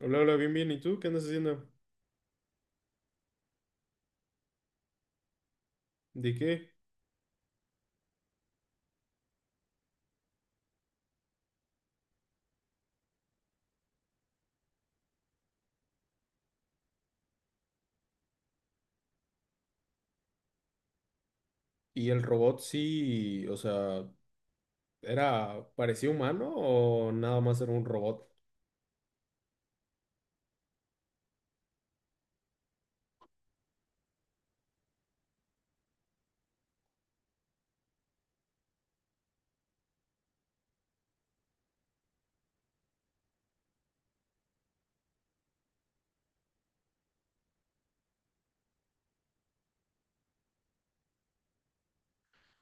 Hola, hola, bien, bien. ¿Y tú qué andas haciendo? ¿De qué? ¿Y el robot sí, o sea, era, parecía humano o nada más era un robot?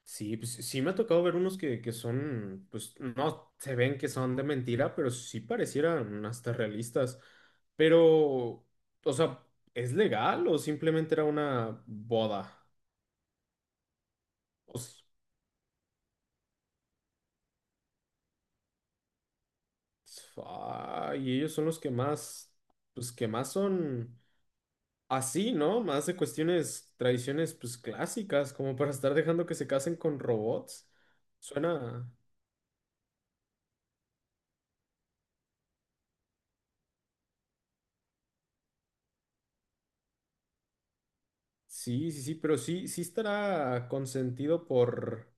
Sí, pues sí me ha tocado ver unos que son, pues no, se ven que son de mentira, pero sí parecieran hasta realistas. Pero, o sea, ¿es legal o simplemente era una boda? O s- Ay, ellos son los que más, pues que más son. Así, ¿no? Más de cuestiones, tradiciones, pues clásicas, como para estar dejando que se casen con robots. Suena, sí, sí, sí, pero sí, sí estará consentido por,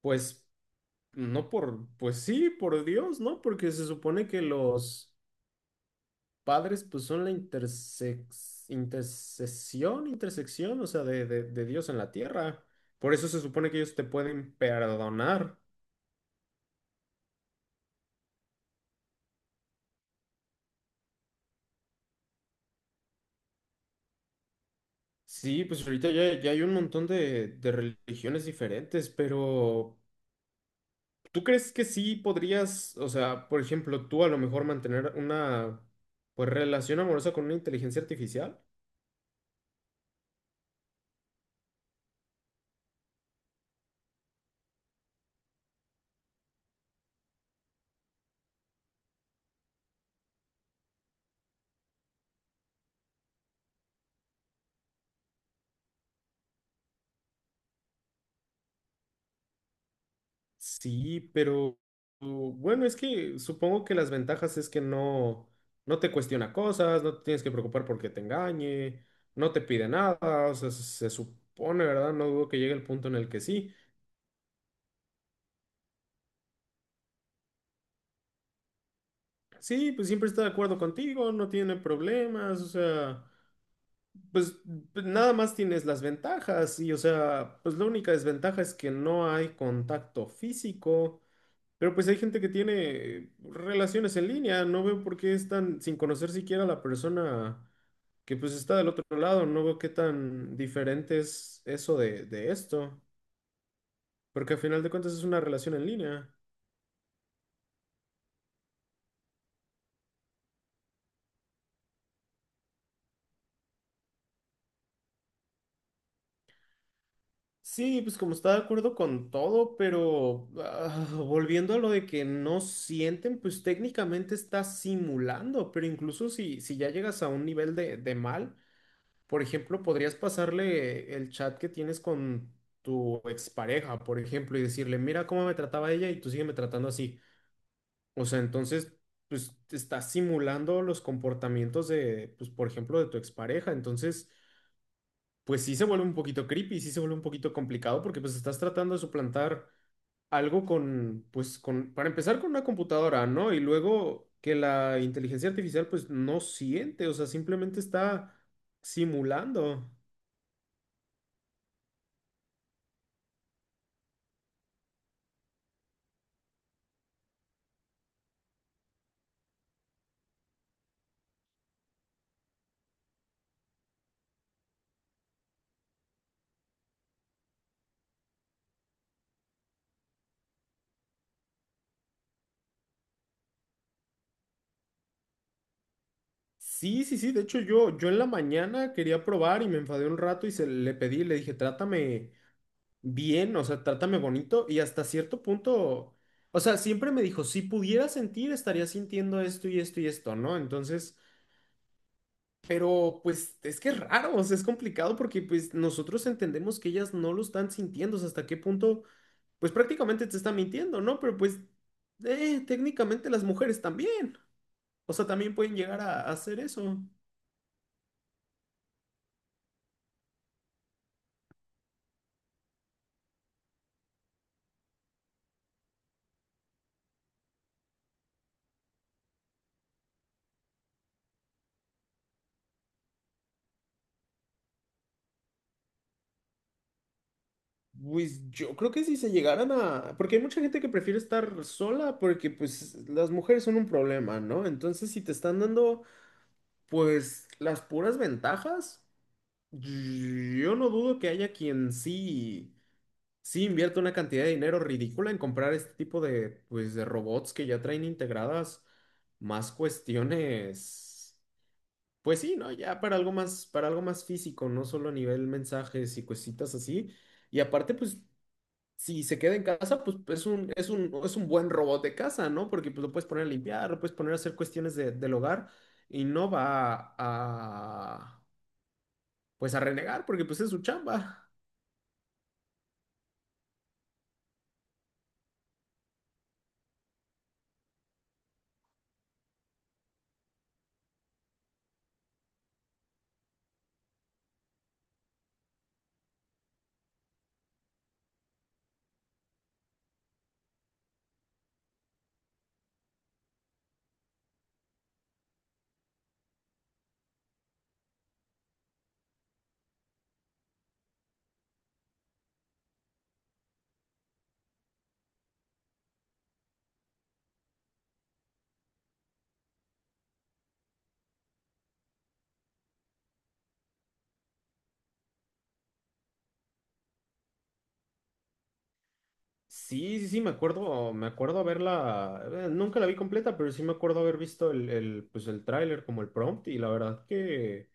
pues, no por, pues sí, por Dios, ¿no? Porque se supone que los padres, pues, son la intersección, o sea, de, de Dios en la tierra. Por eso se supone que ellos te pueden perdonar. Sí, pues ahorita ya, ya hay un montón de religiones diferentes, pero ¿tú crees que sí podrías, o sea, por ejemplo, tú a lo mejor mantener una pues relación amorosa con una inteligencia artificial? Sí, pero bueno, es que supongo que las ventajas es que no, no te cuestiona cosas, no te tienes que preocupar porque te engañe, no te pide nada, o sea, se supone, ¿verdad? No dudo que llegue el punto en el que sí. Sí, pues siempre está de acuerdo contigo, no tiene problemas, o sea. Pues pues, nada más tienes las ventajas y, o sea, pues la única desventaja es que no hay contacto físico, pero pues hay gente que tiene relaciones en línea, no veo por qué están sin conocer siquiera a la persona que pues está del otro lado, no veo qué tan diferente es eso de esto, porque al final de cuentas es una relación en línea. Sí, pues como está de acuerdo con todo, pero ah, volviendo a lo de que no sienten, pues técnicamente está simulando, pero incluso si ya llegas a un nivel de mal, por ejemplo, podrías pasarle el chat que tienes con tu expareja, por ejemplo, y decirle, mira cómo me trataba ella y tú sígueme tratando así. O sea, entonces, pues estás simulando los comportamientos de, pues, por ejemplo, de tu expareja, entonces pues sí se vuelve un poquito creepy, sí se vuelve un poquito complicado porque pues estás tratando de suplantar algo con, pues con, para empezar con una computadora, ¿no? Y luego que la inteligencia artificial pues no siente, o sea, simplemente está simulando. Sí, sí, sí, de hecho yo en la mañana quería probar y me enfadé un rato y se le pedí, le dije, trátame bien, o sea, trátame bonito y hasta cierto punto, o sea, siempre me dijo, si pudiera sentir, estaría sintiendo esto y esto y esto, ¿no? Entonces... Pero pues es que es raro, o sea, es complicado porque pues nosotros entendemos que ellas no lo están sintiendo, o sea, hasta qué punto, pues prácticamente te están mintiendo, ¿no? Pero pues técnicamente las mujeres también, o sea, también pueden llegar a hacer eso. Pues yo creo que si se llegaran a, porque hay mucha gente que prefiere estar sola porque pues las mujeres son un problema, ¿no? Entonces si te están dando pues las puras ventajas, yo no dudo que haya quien sí. Sí, invierto una cantidad de dinero ridícula en comprar este tipo de, pues, de robots que ya traen integradas más cuestiones. Pues sí, ¿no? Ya para algo más físico, no solo a nivel mensajes y cositas así. Y aparte, pues, si se queda en casa, pues es un, es un, es un buen robot de casa, ¿no? Porque pues, lo puedes poner a limpiar, lo puedes poner a hacer cuestiones del hogar y no va a, pues, a renegar porque pues es su chamba. Sí, sí, sí, me acuerdo haberla, nunca la vi completa, pero sí me acuerdo haber visto pues el tráiler como el prompt y la verdad que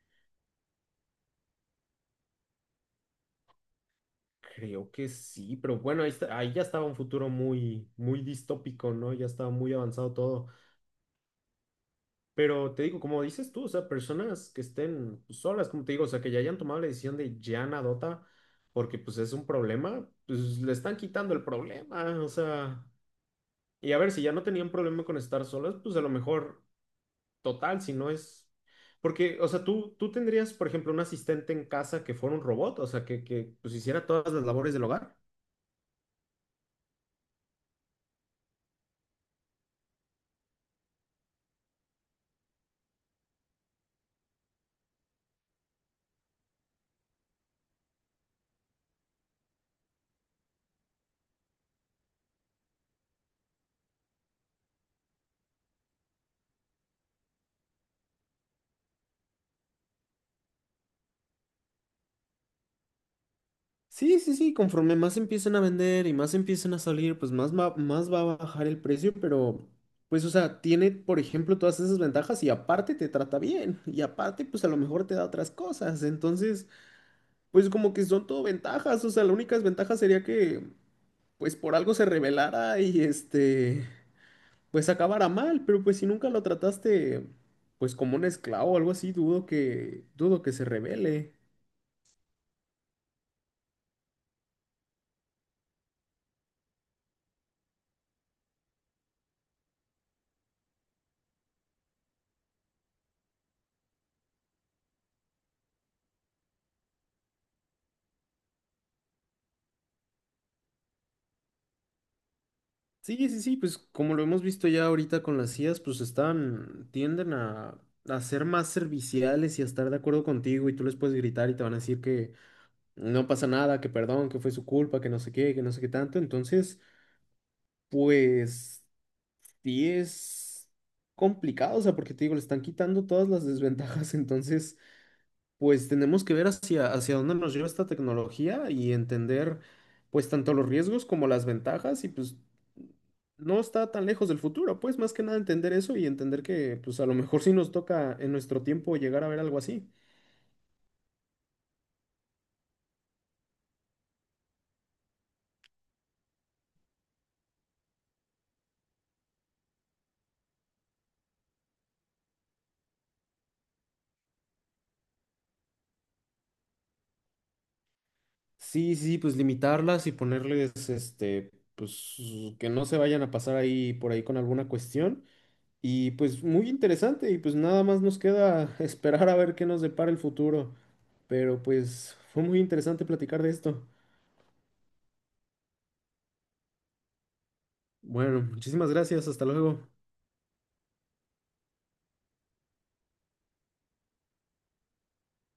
creo que sí, pero bueno, ahí, ahí ya estaba un futuro muy, muy distópico, ¿no? Ya estaba muy avanzado todo, pero te digo, como dices tú, o sea, personas que estén pues, solas, como te digo, o sea, que ya hayan tomado la decisión de ya dota porque pues es un problema, pues le están quitando el problema, o sea, y a ver, si ya no tenían problema con estar solas, pues a lo mejor... total, si no es... Porque, o sea, tú tendrías, por ejemplo, un asistente en casa que fuera un robot, o sea, que pues hiciera todas las labores del hogar. Sí, sí, sí, conforme más empiecen a vender y más empiecen a salir, pues más va a bajar el precio, pero pues, o sea, tiene, por ejemplo, todas esas ventajas y aparte te trata bien y aparte, pues a lo mejor te da otras cosas. Entonces, pues como que son todo ventajas, o sea, la única desventaja sería que, pues por algo se rebelara y este... pues acabara mal, pero pues si nunca lo trataste pues como un esclavo o algo así, dudo que se revele. Sí, sí, sí, pues como lo hemos visto ya ahorita con las IAs, pues están tienden a ser más serviciales y a estar de acuerdo contigo y tú les puedes gritar y te van a decir que no pasa nada, que perdón, que fue su culpa, que no sé qué, que no sé qué tanto. Entonces, pues sí es complicado, o sea, porque te digo, le están quitando todas las desventajas, entonces pues tenemos que ver hacia, hacia dónde nos lleva esta tecnología y entender pues tanto los riesgos como las ventajas y pues no está tan lejos del futuro, pues más que nada entender eso y entender que pues a lo mejor sí nos toca en nuestro tiempo llegar a ver algo así. Sí, sí, sí, pues limitarlas y ponerles este, pues que no se vayan a pasar ahí por ahí con alguna cuestión. Y pues muy interesante y pues nada más nos queda esperar a ver qué nos depara el futuro. Pero pues fue muy interesante platicar de esto. Bueno, muchísimas gracias. Hasta luego.